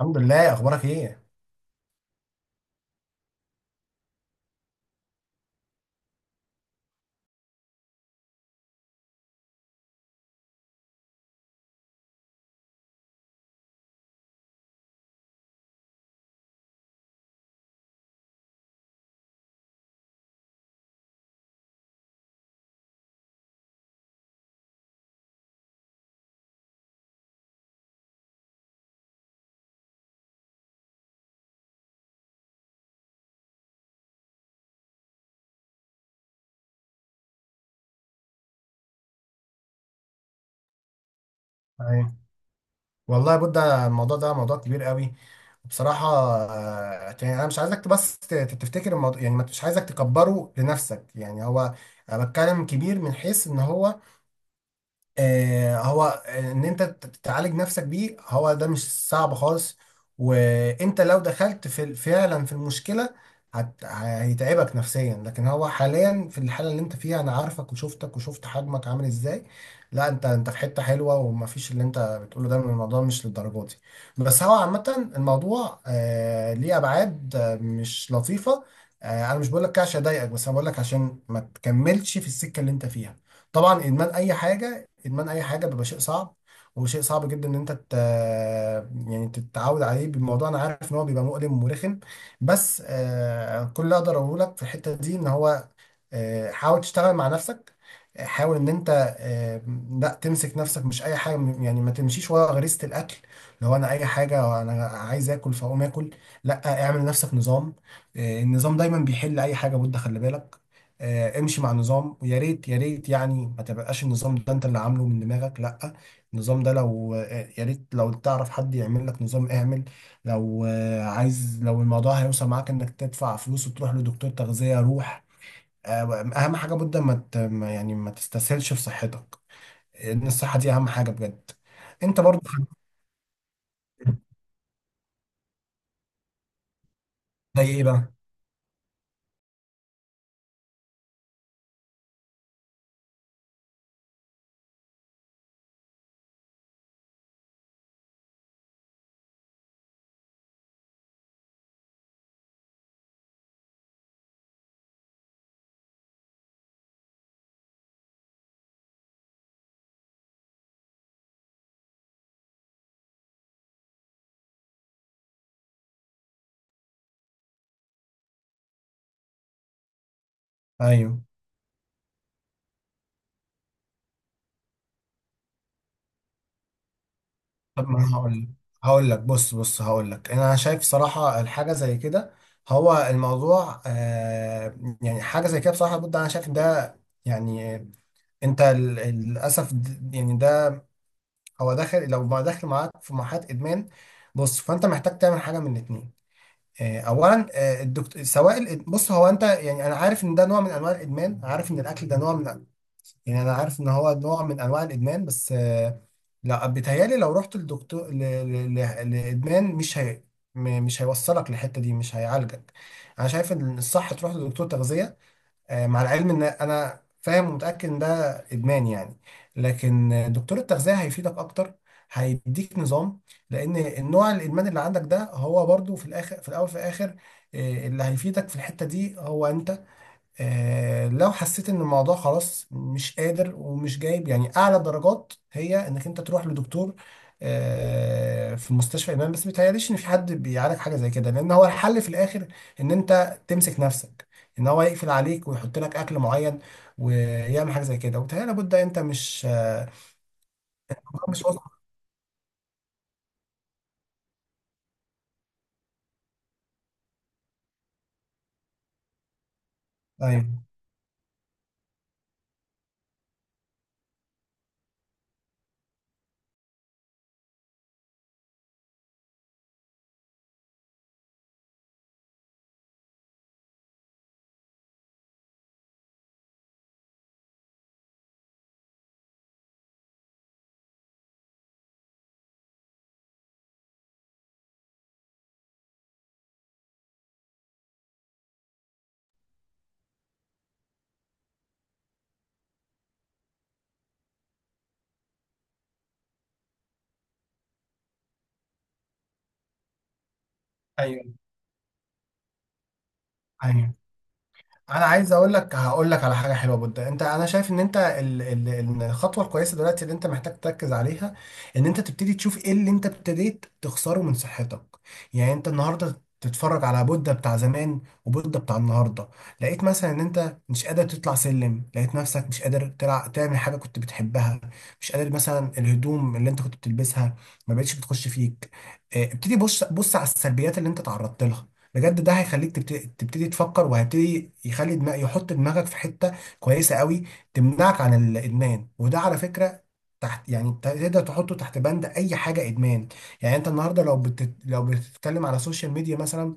الحمد لله، اخبارك ايه؟ أيوة. والله يا بودة، الموضوع ده موضوع كبير قوي، وبصراحة يعني انا مش عايزك بس تفتكر الموضوع، يعني مش عايزك تكبره لنفسك. يعني هو، أنا بتكلم كبير من حيث ان هو ان انت تعالج نفسك بيه، هو ده مش صعب خالص. وانت لو دخلت في فعلا في المشكلة، هيتعبك نفسيا، لكن هو حاليا في الحالة اللي انت فيها انا عارفك وشفتك وشفت حجمك عامل ازاي. لا انت في حتة حلوة، ومفيش اللي انت بتقوله ده من الموضوع مش للدرجة دي. بس هو عامة الموضوع ليه ابعاد مش لطيفة. آه، انا مش بقول لك كده عشان اضايقك، بس انا بقول لك عشان ما تكملش في السكة اللي انت فيها. طبعا ادمان اي حاجة، ادمان اي حاجه بيبقى شيء صعب، وشيء صعب جدا ان انت يعني تتعود عليه بالموضوع. انا عارف ان هو بيبقى مؤلم ومرخم، بس كل اللي اقدر اقوله لك في الحته دي ان هو حاول تشتغل مع نفسك. حاول ان انت لا تمسك نفسك. مش اي حاجه يعني ما تمشيش ورا غريزه الاكل. لو انا اي حاجه انا عايز اكل فاقوم اكل، لا اعمل لنفسك نظام. النظام دايما بيحل اي حاجه، بودة خلي بالك. امشي مع نظام، ويا ريت يا ريت يعني ما تبقاش النظام ده انت اللي عامله من دماغك، لا، النظام ده لو يا ريت لو تعرف حد يعمل لك نظام اعمل. لو عايز لو الموضوع هيوصل معاك انك تدفع فلوس وتروح لدكتور تغذية، روح. اهم حاجه بجد ما يعني ما تستسهلش في صحتك، لان الصحه دي اهم حاجه بجد. انت برضو. زي ايه بقى؟ ايوه. طب ما هقول لك، هقول لك بص بص، هقول لك انا شايف صراحه الحاجه زي كده. هو الموضوع يعني حاجه زي كده بصراحه، بجد انا شايف ده. يعني انت للاسف يعني ده هو داخل لو ما داخل معاك في مرحله ادمان. بص، فانت محتاج تعمل حاجه من الاتنين. اولا الدكتور سواء بص هو انت، يعني انا عارف ان ده نوع من انواع الادمان، عارف ان الاكل ده نوع من، يعني انا عارف ان هو نوع من انواع الادمان، بس لا بيتهيالي لو رحت للدكتور لادمان مش هي، مش هيوصلك للحته دي، مش هيعالجك. انا شايف ان الصح تروح لدكتور تغذيه. مع العلم ان انا فاهم ومتاكد ان ده ادمان يعني، لكن دكتور التغذيه هيفيدك اكتر. هيديك نظام، لان النوع الادمان اللي عندك ده هو برضو في الاخر، في الاول، في الاخر، اللي هيفيدك في الحته دي هو انت. لو حسيت ان الموضوع خلاص مش قادر ومش جايب، يعني اعلى درجات هي انك انت تروح لدكتور في مستشفى امام. بس متهيأليش ان في حد بيعالج حاجه زي كده، لان هو الحل في الاخر ان انت تمسك نفسك، ان هو يقفل عليك ويحط لك اكل معين ويعمل حاجه زي كده. وبالتالي لابد انت مش مش واثق. ايوه ايوه ايوه، انا عايز اقول لك، هقول لك على حاجه حلوه بودة. انت، انا شايف ان انت الخطوه الكويسه دلوقتي اللي انت محتاج تركز عليها ان انت تبتدي تشوف ايه اللي انت ابتديت تخسره من صحتك. يعني انت النهارده تتفرج على بودة بتاع زمان وبودة بتاع النهارده، لقيت مثلا ان انت مش قادر تطلع سلم، لقيت نفسك مش قادر تعمل حاجه كنت بتحبها، مش قادر مثلا الهدوم اللي انت كنت بتلبسها ما بقتش بتخش فيك. اه، ابتدي بص بص على السلبيات اللي انت تعرضت لها، بجد ده هيخليك تبتدي تفكر، وهيبتدي يخلي دماغ، يحط دماغك في حتة كويسة قوي تمنعك عن الإدمان. وده على فكرة تحت، يعني تقدر تحطه تحت بند أي حاجة إدمان. يعني أنت النهاردة لو لو بتتكلم على السوشيال ميديا مثلا،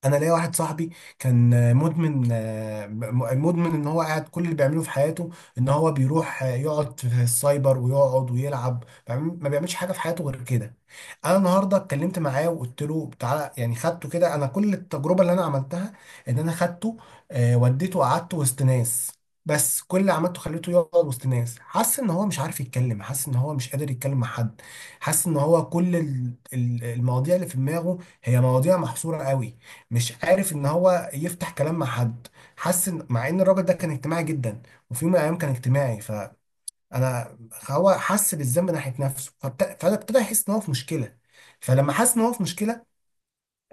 انا ليا واحد صاحبي كان مدمن مدمن ان هو قاعد كل اللي بيعمله في حياته ان هو بيروح يقعد في السايبر ويقعد ويلعب، ما بيعملش حاجه في حياته غير كده. انا النهارده اتكلمت معاه وقلت له تعالى، يعني خدته كده، انا كل التجربه اللي انا عملتها ان انا خدته وديته قعدته وسط ناس. بس كل اللي عملته خليته يقعد وسط ناس، حاسس ان هو مش عارف يتكلم، حاسس ان هو مش قادر يتكلم مع حد، حاسس ان هو كل المواضيع اللي في دماغه هي مواضيع محصوره قوي، مش عارف ان هو يفتح كلام مع حد. حس ان، مع ان الراجل ده كان اجتماعي جدا وفي يوم من الايام كان اجتماعي، فانا هو حس بالذنب ناحيه نفسه فابتدى يحس ان هو في مشكله. فلما حس ان هو في مشكله،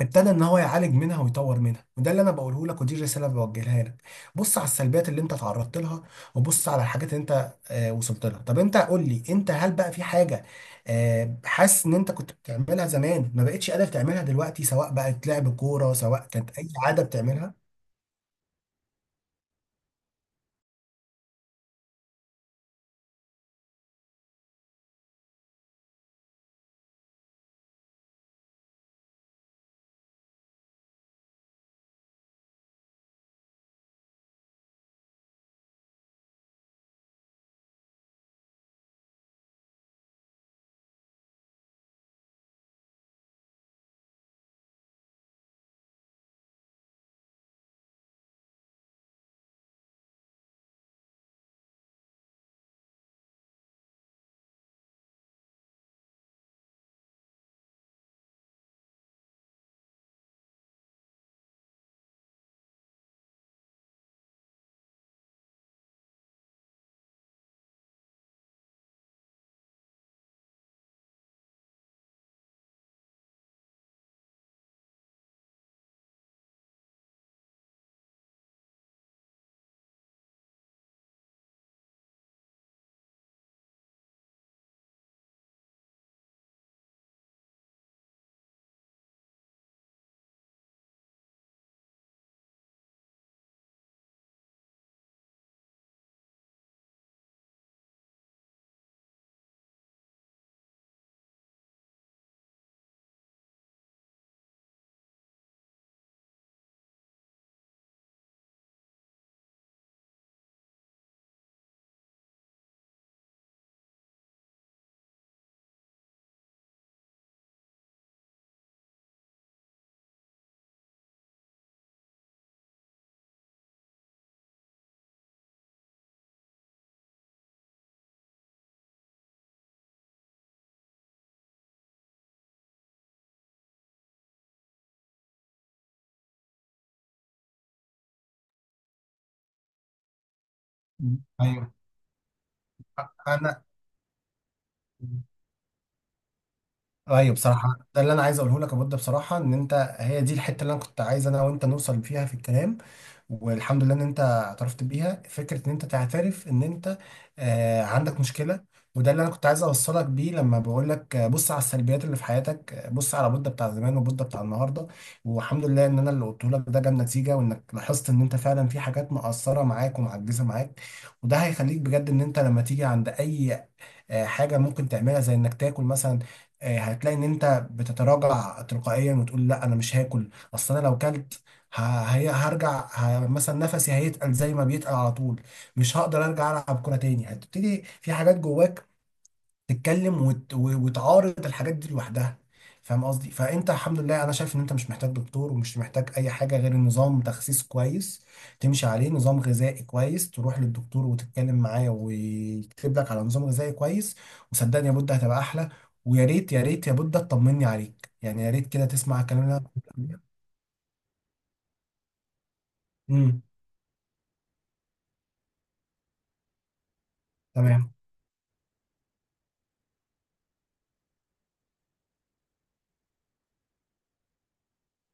ابتدى ان هو يعالج منها ويطور منها. وده اللي انا بقوله لك، ودي الرساله اللي بوجهها لك. بص على السلبيات اللي انت تعرضت لها، وبص على الحاجات اللي انت وصلت لها. طب انت قول لي انت، هل بقى في حاجه حاسس ان انت كنت بتعملها زمان ما بقتش قادر تعملها دلوقتي، سواء بقت لعب كوره، سواء كانت اي عاده بتعملها؟ مم. ايوه. انا ايوه بصراحه، ده اللي انا عايز اقوله لك يا بود. بصراحه ان انت هي دي الحته اللي انا كنت عايز انا وانت نوصل فيها في الكلام. والحمد لله ان انت اعترفت بيها، فكره ان انت تعترف ان انت عندك مشكله. وده اللي انا كنت عايز اوصلك بيه لما بقول لك بص على السلبيات اللي في حياتك، بص على بودة بتاع زمان وبودة بتاع النهارده. والحمد لله ان انا اللي قلته لك ده جاب نتيجه، وانك لاحظت ان انت فعلا في حاجات مقصره معاك ومعجزه معاك. وده هيخليك بجد ان انت لما تيجي عند اي حاجه ممكن تعملها زي انك تاكل مثلا، هتلاقي ان انت بتتراجع تلقائيا وتقول لا انا مش هاكل، اصل انا لو كلت هرجع مثلا نفسي هيتقل زي ما بيتقل على طول، مش هقدر ارجع العب كرة تاني. هتبتدي في حاجات جواك تتكلم وتعارض الحاجات دي لوحدها. فاهم قصدي؟ فانت الحمد لله انا شايف ان انت مش محتاج دكتور، ومش محتاج اي حاجه غير نظام تخسيس كويس تمشي عليه، نظام غذائي كويس تروح للدكتور وتتكلم معاه ويكتب لك على نظام غذائي كويس. وصدقني يا بود هتبقى احلى. ويا ريت يا ريت يا بود تطمني عليك، يعني يا ريت كده تسمع الكلام اللي انا بقوله. امم. تمام.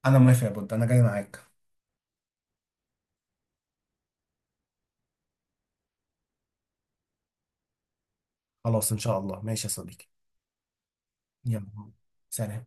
انا موافق يا بود، انا جاي معاك. خلاص ان شاء الله، ماشي يا صديقي. يلا، سلام.